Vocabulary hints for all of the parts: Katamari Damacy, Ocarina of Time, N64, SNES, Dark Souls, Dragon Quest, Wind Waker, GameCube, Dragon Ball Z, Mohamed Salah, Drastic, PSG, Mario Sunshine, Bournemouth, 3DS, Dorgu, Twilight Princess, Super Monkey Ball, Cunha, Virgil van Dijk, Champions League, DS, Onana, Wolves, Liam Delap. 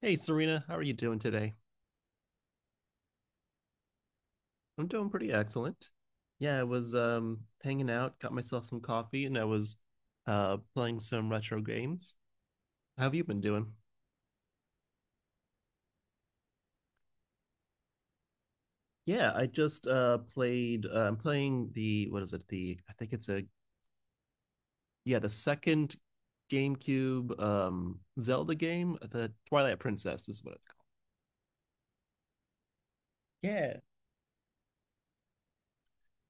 Hey Serena, how are you doing today? I'm doing pretty excellent. Yeah, I was hanging out, got myself some coffee, and I was playing some retro games. How have you been doing? Yeah, I just played I'm playing the what is it? The I think it's a yeah, the second GameCube Zelda game, the Twilight Princess is what it's called. Yeah.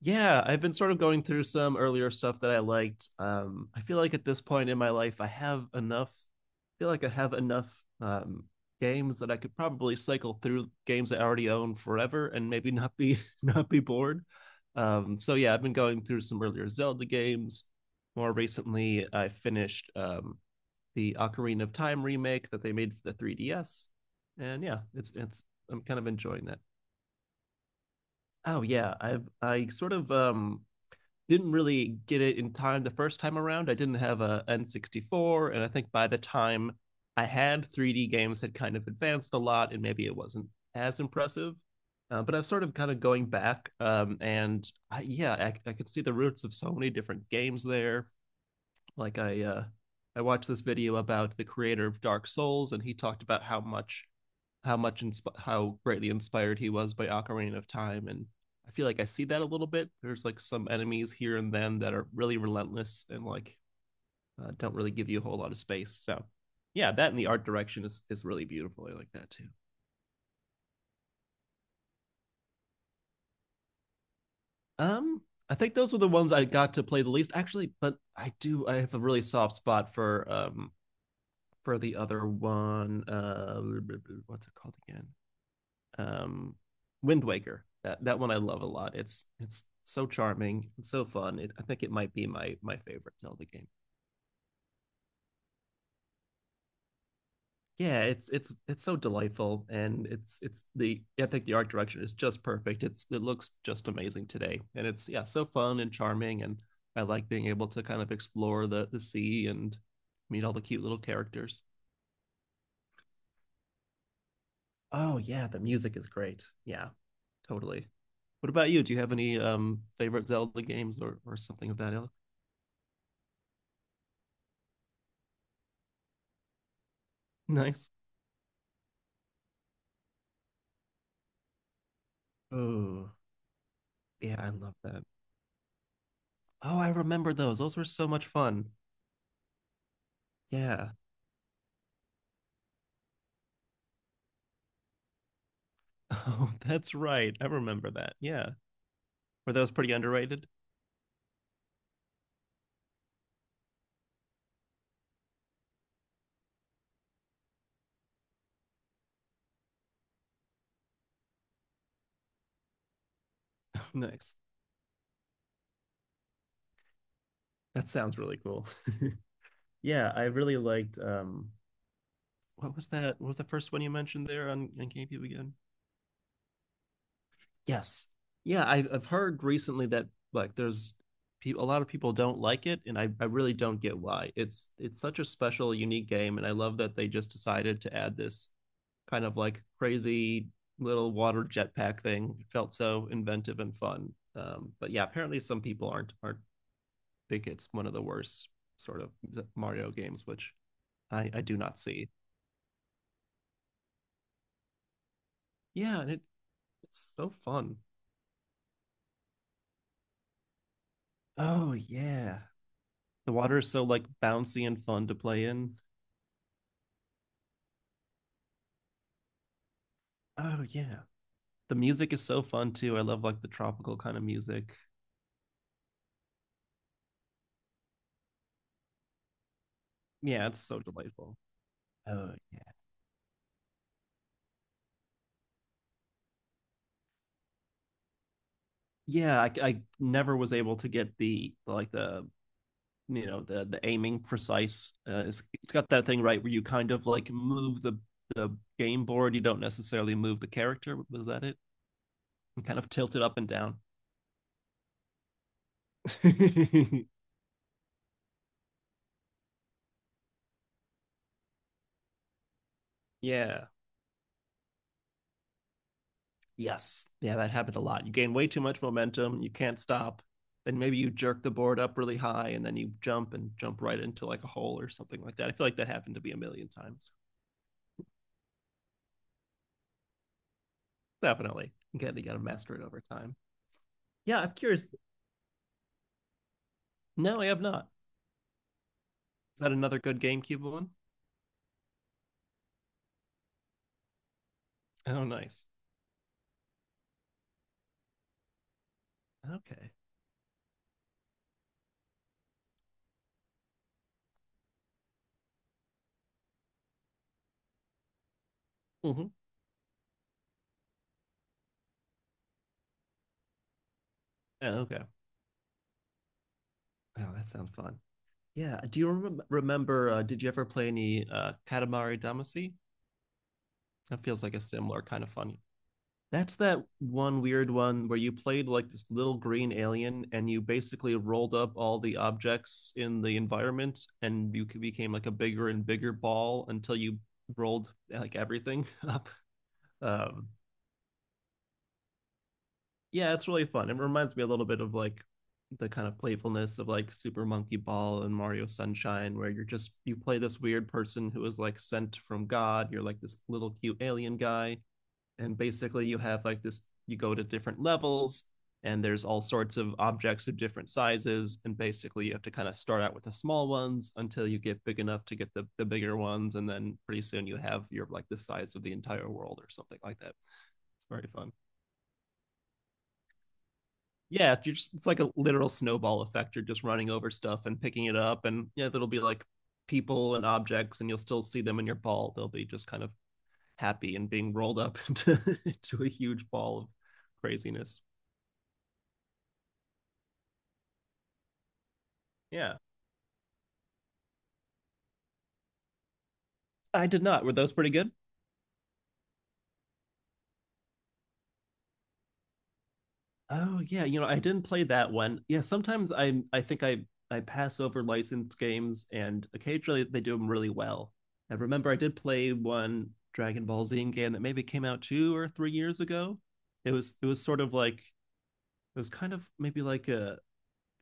Yeah, I've been sort of going through some earlier stuff that I liked. I feel like at this point in my life, I have enough. I feel like I have enough um, games that I could probably cycle through games I already own forever and maybe not be not be bored. So yeah, I've been going through some earlier Zelda games. More recently, I finished the Ocarina of Time remake that they made for the 3DS, and yeah, it's I'm kind of enjoying that. Oh yeah, I sort of didn't really get it in time the first time around. I didn't have a N64, and I think by the time I had 3D games had kind of advanced a lot, and maybe it wasn't as impressive. But I've sort of kind of going back, and yeah, I could see the roots of so many different games there. Like I watched this video about the creator of Dark Souls and he talked about how much how greatly inspired he was by Ocarina of Time, and I feel like I see that a little bit. There's like some enemies here and then that are really relentless and like don't really give you a whole lot of space. So yeah, that and the art direction is really beautiful. I like that too. Um, I think those were the ones I got to play the least actually, but I have a really soft spot for the other one. What's it called again? Um, Wind Waker. That one I love a lot. It's so charming, it's so fun. It, I think it might be my my favorite Zelda game. Yeah, it's so delightful, and it's the I think the art direction is just perfect. It's it looks just amazing today, and it's yeah so fun and charming, and I like being able to kind of explore the sea and meet all the cute little characters. Oh yeah, the music is great. Yeah, totally. What about you? Do you have any favorite Zelda games or something of that ilk? Nice. Oh, yeah, I love that. Oh, I remember those. Those were so much fun. Yeah. Oh, that's right. I remember that. Yeah. Were those pretty underrated? Nice. That sounds really cool. Yeah, I really liked what was that? What was the first one you mentioned there on GameCube again? Yes. Yeah, I've heard recently that like there's people a lot of people don't like it, and I really don't get why. It's such a special, unique game, and I love that they just decided to add this kind of like crazy little water jetpack thing. It felt so inventive and fun. But yeah, apparently some people aren't think it's one of the worst sort of Mario games, which I do not see. Yeah, and it, it's so fun. Oh yeah. The water is so like bouncy and fun to play in. Oh yeah. The music is so fun too. I love like the tropical kind of music. Yeah, it's so delightful. Uh, yeah, I never was able to get the like the you know the aiming precise. It's got that thing right where you kind of like move the game board. You don't necessarily move the character. Was that it? You kind of tilt it up and down. Yeah. Yes. Yeah, that happened a lot. You gain way too much momentum. You can't stop. Then maybe you jerk the board up really high and then you jump and jump right into like a hole or something like that. I feel like that happened to be a million times. Definitely. Again, you got to master it over time. Yeah, I'm curious. No, I have not. Is that another good GameCube one? Oh, nice. Okay. Mm-hmm. Yeah, okay. Oh, that sounds fun. Yeah. Do you remember? Did you ever play any Katamari Damacy? That feels like a similar kind of fun. That's that one weird one where you played like this little green alien and you basically rolled up all the objects in the environment and you became like a bigger and bigger ball until you rolled like everything up. Um, yeah, it's really fun. It reminds me a little bit of like the kind of playfulness of like Super Monkey Ball and Mario Sunshine, where you're just you play this weird person who is like sent from God. You're like this little cute alien guy and basically you have like this you go to different levels and there's all sorts of objects of different sizes and basically you have to kind of start out with the small ones until you get big enough to get the bigger ones and then pretty soon you have you're like the size of the entire world or something like that, it's very fun, yeah you're just, it's like a literal snowball effect, you're just running over stuff and picking it up, and yeah there'll be like people and objects and you'll still see them in your ball, they'll be just kind of happy and being rolled up into, into a huge ball of craziness. Yeah. I did not. Were those pretty good? Oh yeah, you know, I didn't play that one. Yeah, sometimes I think I I pass over licensed games and occasionally they do them really well. I remember I did play one Dragon Ball Z game that maybe came out 2 or 3 years ago. It was sort of like it was kind of maybe like a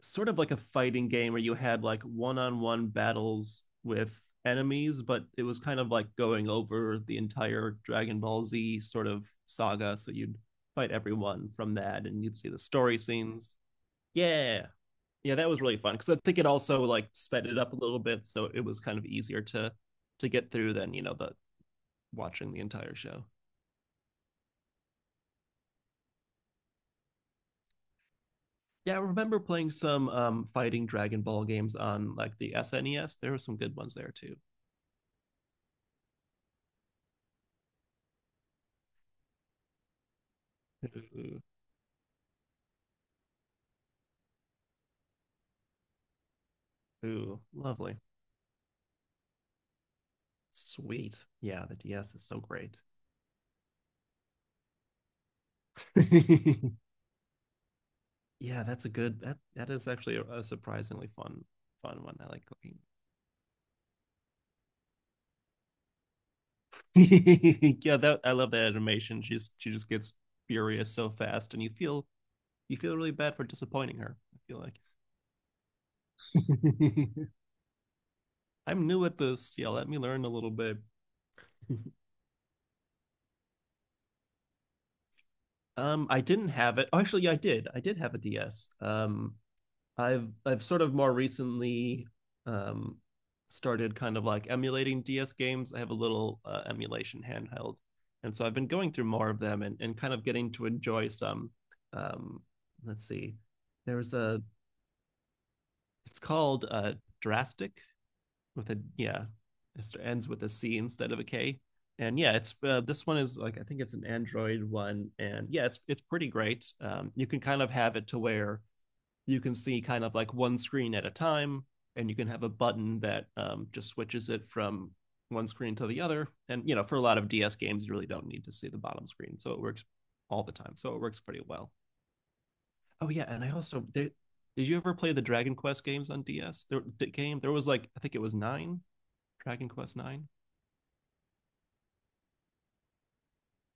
sort of like a fighting game where you had like one-on-one battles with enemies, but it was kind of like going over the entire Dragon Ball Z sort of saga. So you'd fight everyone from that, and you'd see the story scenes. Yeah, yeah, that was really fun because I think it also like sped it up a little bit, so it was kind of easier to get through than you know the watching the entire show. Yeah, I remember playing some fighting Dragon Ball games on like the SNES. There were some good ones there too. Ooh, lovely. Sweet. Yeah, the DS is so great. Yeah, that's a good that that is actually a surprisingly fun fun one. I like cooking. Yeah, that I love that animation. She just gets furious so fast and you feel really bad for disappointing her. I feel like I'm new at this. Yeah, let me learn a little bit. I didn't have it. Oh, actually, yeah, I did. I did have a DS. I've sort of more recently um, started kind of like emulating DS games. I have a little emulation handheld, and so I've been going through more of them and kind of getting to enjoy some. Um, let's see, there's a it's called Drastic with a yeah, it ends with a C instead of a K, and yeah, it's this one is like I think it's an Android one, and yeah, it's pretty great. You can kind of have it to where you can see kind of like one screen at a time, and you can have a button that just switches it from one screen to the other. And you know, for a lot of DS games, you really don't need to see the bottom screen, so it works all the time. So it works pretty well. Oh yeah, and I also did. Did you ever play the Dragon Quest games on DS? There, the game there was like I think it was 9 Dragon Quest 9.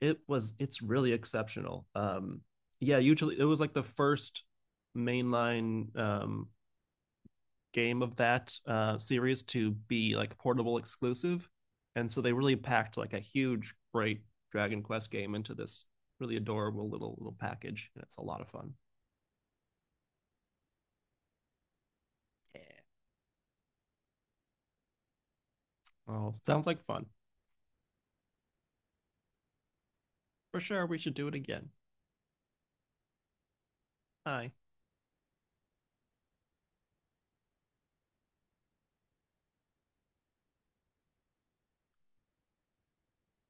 It was it's really exceptional. Yeah, usually it was like the first mainline game of that series to be like portable exclusive, and so they really packed like a huge, great Dragon Quest game into this really adorable little little package, and it's a lot of fun. Yeah. Oh, sounds like fun for sure. We should do it again. Hi.